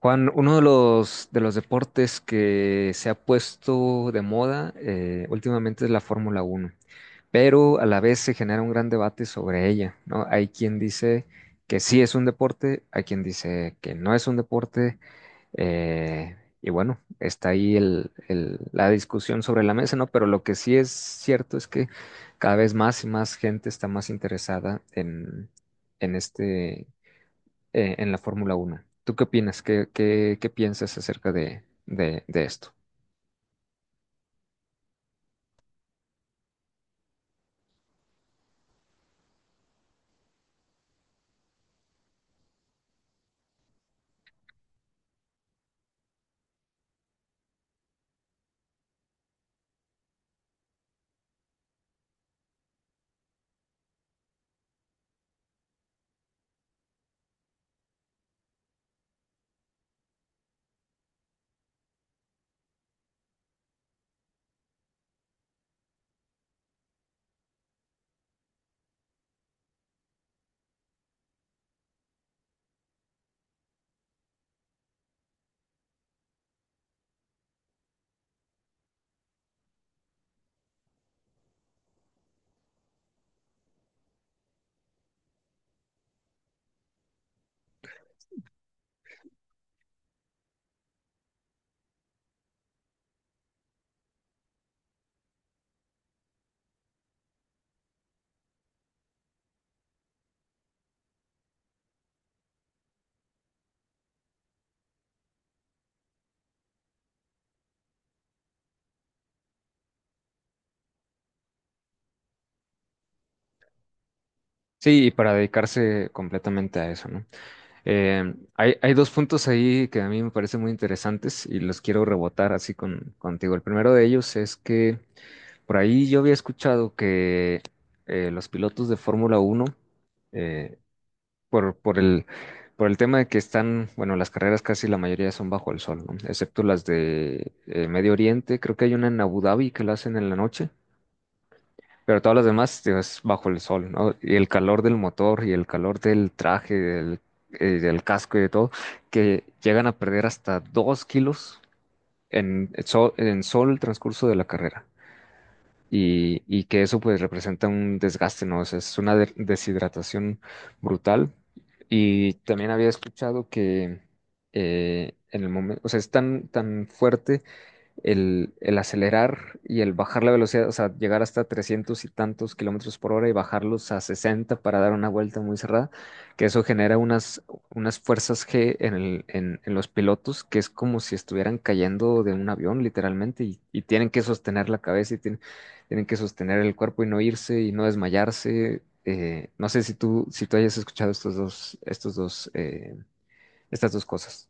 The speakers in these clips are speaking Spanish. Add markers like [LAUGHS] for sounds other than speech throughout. Juan, uno de los deportes que se ha puesto de moda últimamente es la Fórmula Uno, pero a la vez se genera un gran debate sobre ella, ¿no? Hay quien dice que sí es un deporte, hay quien dice que no es un deporte. Y bueno, está ahí la discusión sobre la mesa, ¿no? Pero lo que sí es cierto es que cada vez más y más gente está más interesada en este en la Fórmula Uno. ¿Tú qué opinas? ¿Qué piensas acerca de esto? Sí, y para dedicarse completamente a eso, ¿no? Hay dos puntos ahí que a mí me parecen muy interesantes y los quiero rebotar así contigo. El primero de ellos es que por ahí yo había escuchado que los pilotos de Fórmula Uno eh, por, por el, por el tema de que están, bueno, las carreras casi la mayoría son bajo el sol, ¿no? Excepto las de Medio Oriente, creo que hay una en Abu Dhabi que la hacen en la noche, pero todas las demás digo, es bajo el sol, ¿no? Y el calor del motor y el calor del traje, del casco y de todo, que llegan a perder hasta 2 kilos en sol el transcurso de la carrera. Y que eso pues representa un desgaste, ¿no? O sea, es una deshidratación brutal y también había escuchado que en el momento, o sea, es tan, tan fuerte el acelerar y el bajar la velocidad, o sea, llegar hasta 300 y tantos kilómetros por hora y bajarlos a 60 para dar una vuelta muy cerrada, que eso genera unas fuerzas G en los pilotos, que es como si estuvieran cayendo de un avión, literalmente, y tienen que sostener la cabeza y tienen que sostener el cuerpo y no irse y no desmayarse. No sé si tú hayas escuchado estos dos, estas dos cosas.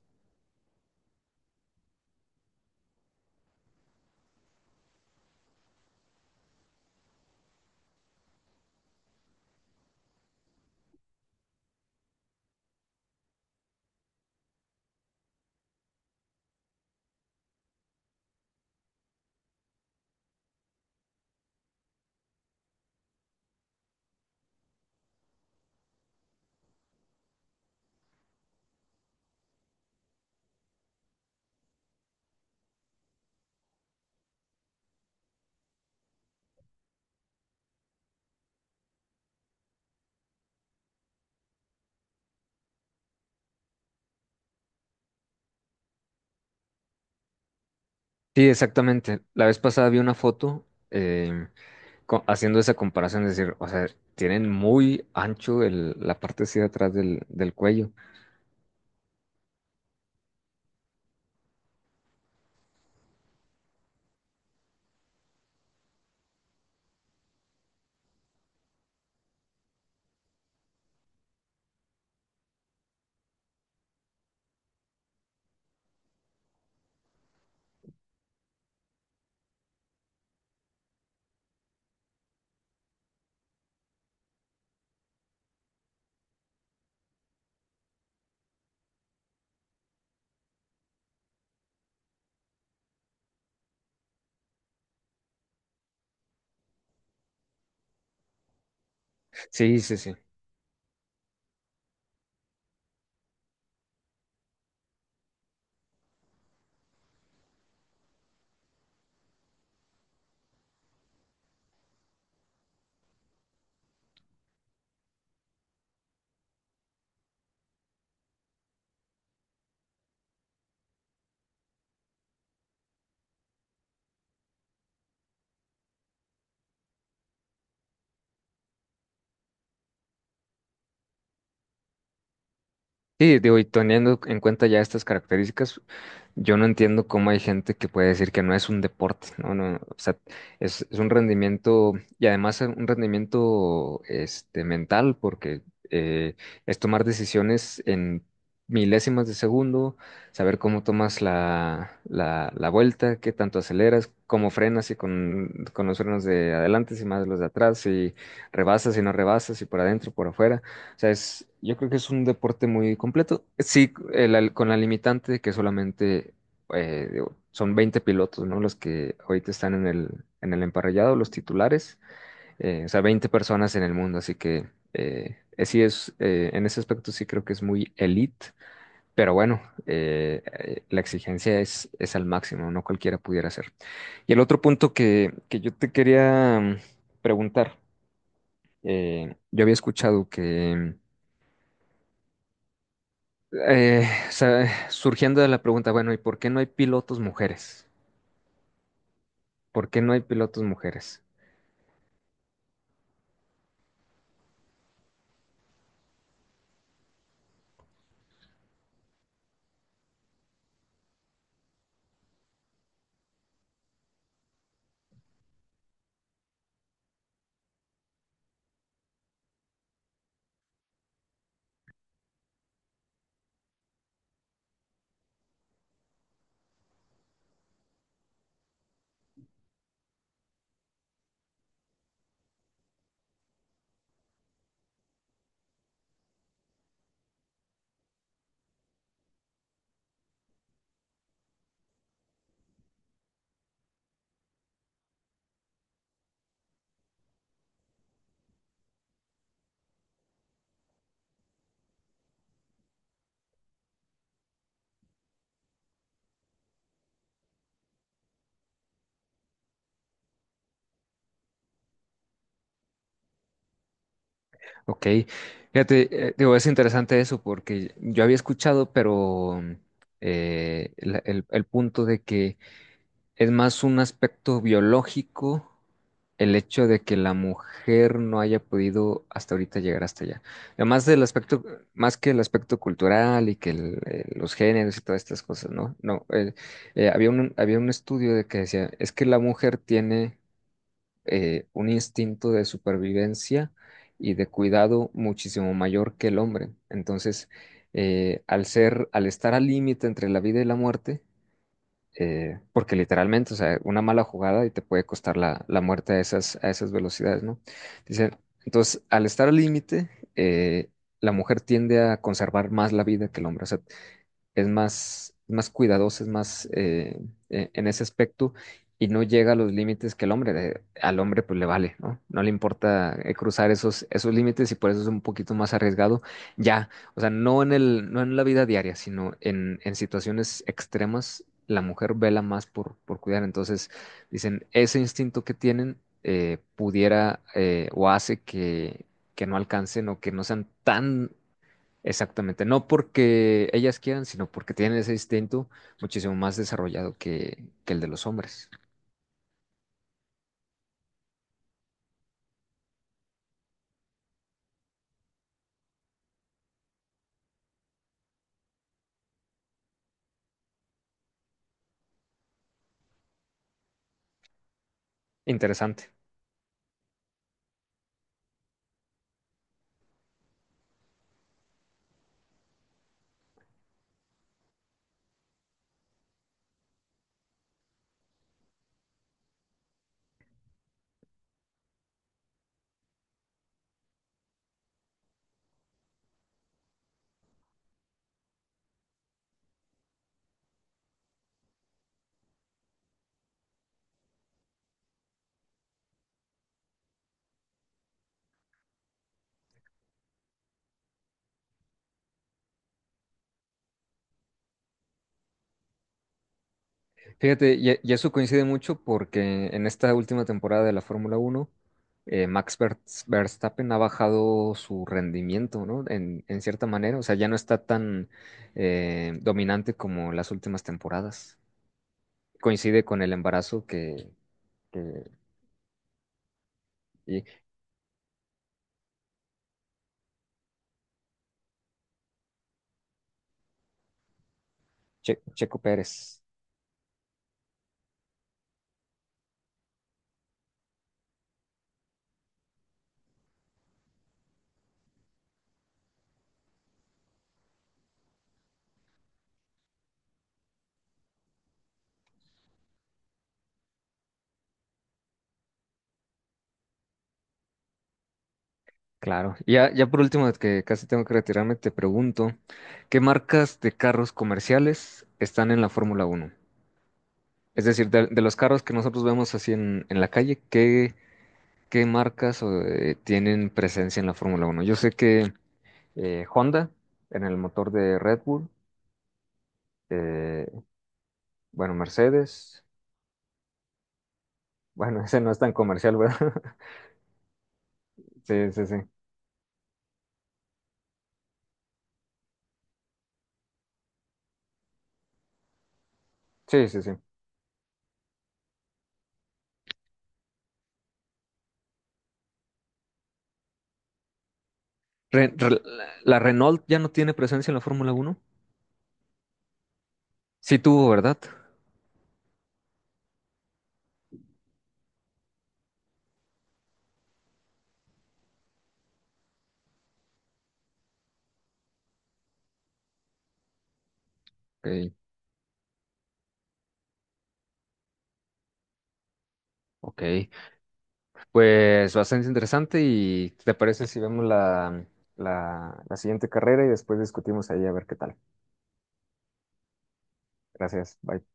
Sí, exactamente. La vez pasada vi una foto. eh, haciendo esa comparación, es decir, o sea, tienen muy ancho la parte así de atrás del cuello. Sí, sí, sí. Sí, digo, y teniendo en cuenta ya estas características, yo no entiendo cómo hay gente que puede decir que no es un deporte, no, no, o sea, es un rendimiento y además es un rendimiento mental, porque eh, es tomar decisiones en milésimas de segundo, saber cómo tomas la vuelta, qué tanto aceleras, cómo frenas y con los frenos de adelante, si más los de atrás, si rebasas, y no rebasas, si por adentro, por afuera. O sea, es, yo creo que es un deporte muy completo. Sí, el con la limitante de que solamente digo, son 20 pilotos, ¿no? Los que ahorita están en el emparrillado, los titulares. O sea, 20 personas en el mundo, así que en ese aspecto sí creo que es muy elite. Pero bueno, la exigencia es al máximo, no cualquiera pudiera hacer. Y el otro punto que yo te quería preguntar, yo había escuchado que, o sea, surgiendo de la pregunta, bueno, ¿y por qué no hay pilotos mujeres? ¿Por qué no hay pilotos mujeres? Ok, fíjate, digo, es interesante eso porque yo había escuchado, pero el punto de que es más un aspecto biológico el hecho de que la mujer no haya podido hasta ahorita llegar hasta allá. Además del aspecto, más que el aspecto cultural y que los géneros y todas estas cosas, ¿no? No, había un estudio de que decía, es que la mujer tiene un instinto de supervivencia y de cuidado muchísimo mayor que el hombre. Entonces, al estar al límite entre la vida y la muerte, porque literalmente, o sea, una mala jugada y te puede costar la muerte a esas velocidades, ¿no? Dicen, entonces, al estar al límite, eh, la mujer tiende a conservar más la vida que el hombre. O sea, es más, más cuidadoso, es más, en ese aspecto y no llega a los límites que el hombre. Al hombre pues le vale, ¿no? No le importa cruzar esos límites y por eso es un poquito más arriesgado ya, o sea, no no en la vida diaria, sino en situaciones extremas, la mujer vela más por cuidar, entonces dicen, ese instinto que tienen pudiera, o hace que no alcancen o que no sean tan. Exactamente, no porque ellas quieran, sino porque tienen ese instinto muchísimo más desarrollado que el de los hombres. Interesante. Fíjate, y eso coincide mucho porque en esta última temporada de la Fórmula Uno, eh, Max Ver- Verstappen ha bajado su rendimiento, ¿no? En cierta manera, o sea, ya no está tan dominante como las últimas temporadas. Coincide con el embarazo que- y Checo Pérez. Claro. Y ya, ya por último, que casi tengo que retirarme, te pregunto, ¿qué marcas de carros comerciales están en la Fórmula Uno? Es decir, de los carros que nosotros vemos así en la calle, ¿qué marcas o, tienen presencia en la Fórmula Uno? Yo sé que Honda, en el motor de Red Bull, eh, bueno, Mercedes, bueno, [LAUGHS] ese no es tan comercial, ¿verdad? [LAUGHS] Sí, sí, sí. Sí, sí, sí. Re- re- la Renault ya no tiene presencia en la Fórmula Uno. Sí tuvo, ¿verdad? Ok, ok. Pues bastante interesante y ¿te parece si vemos la siguiente carrera y después discutimos ahí a ver qué tal? Gracias, bye.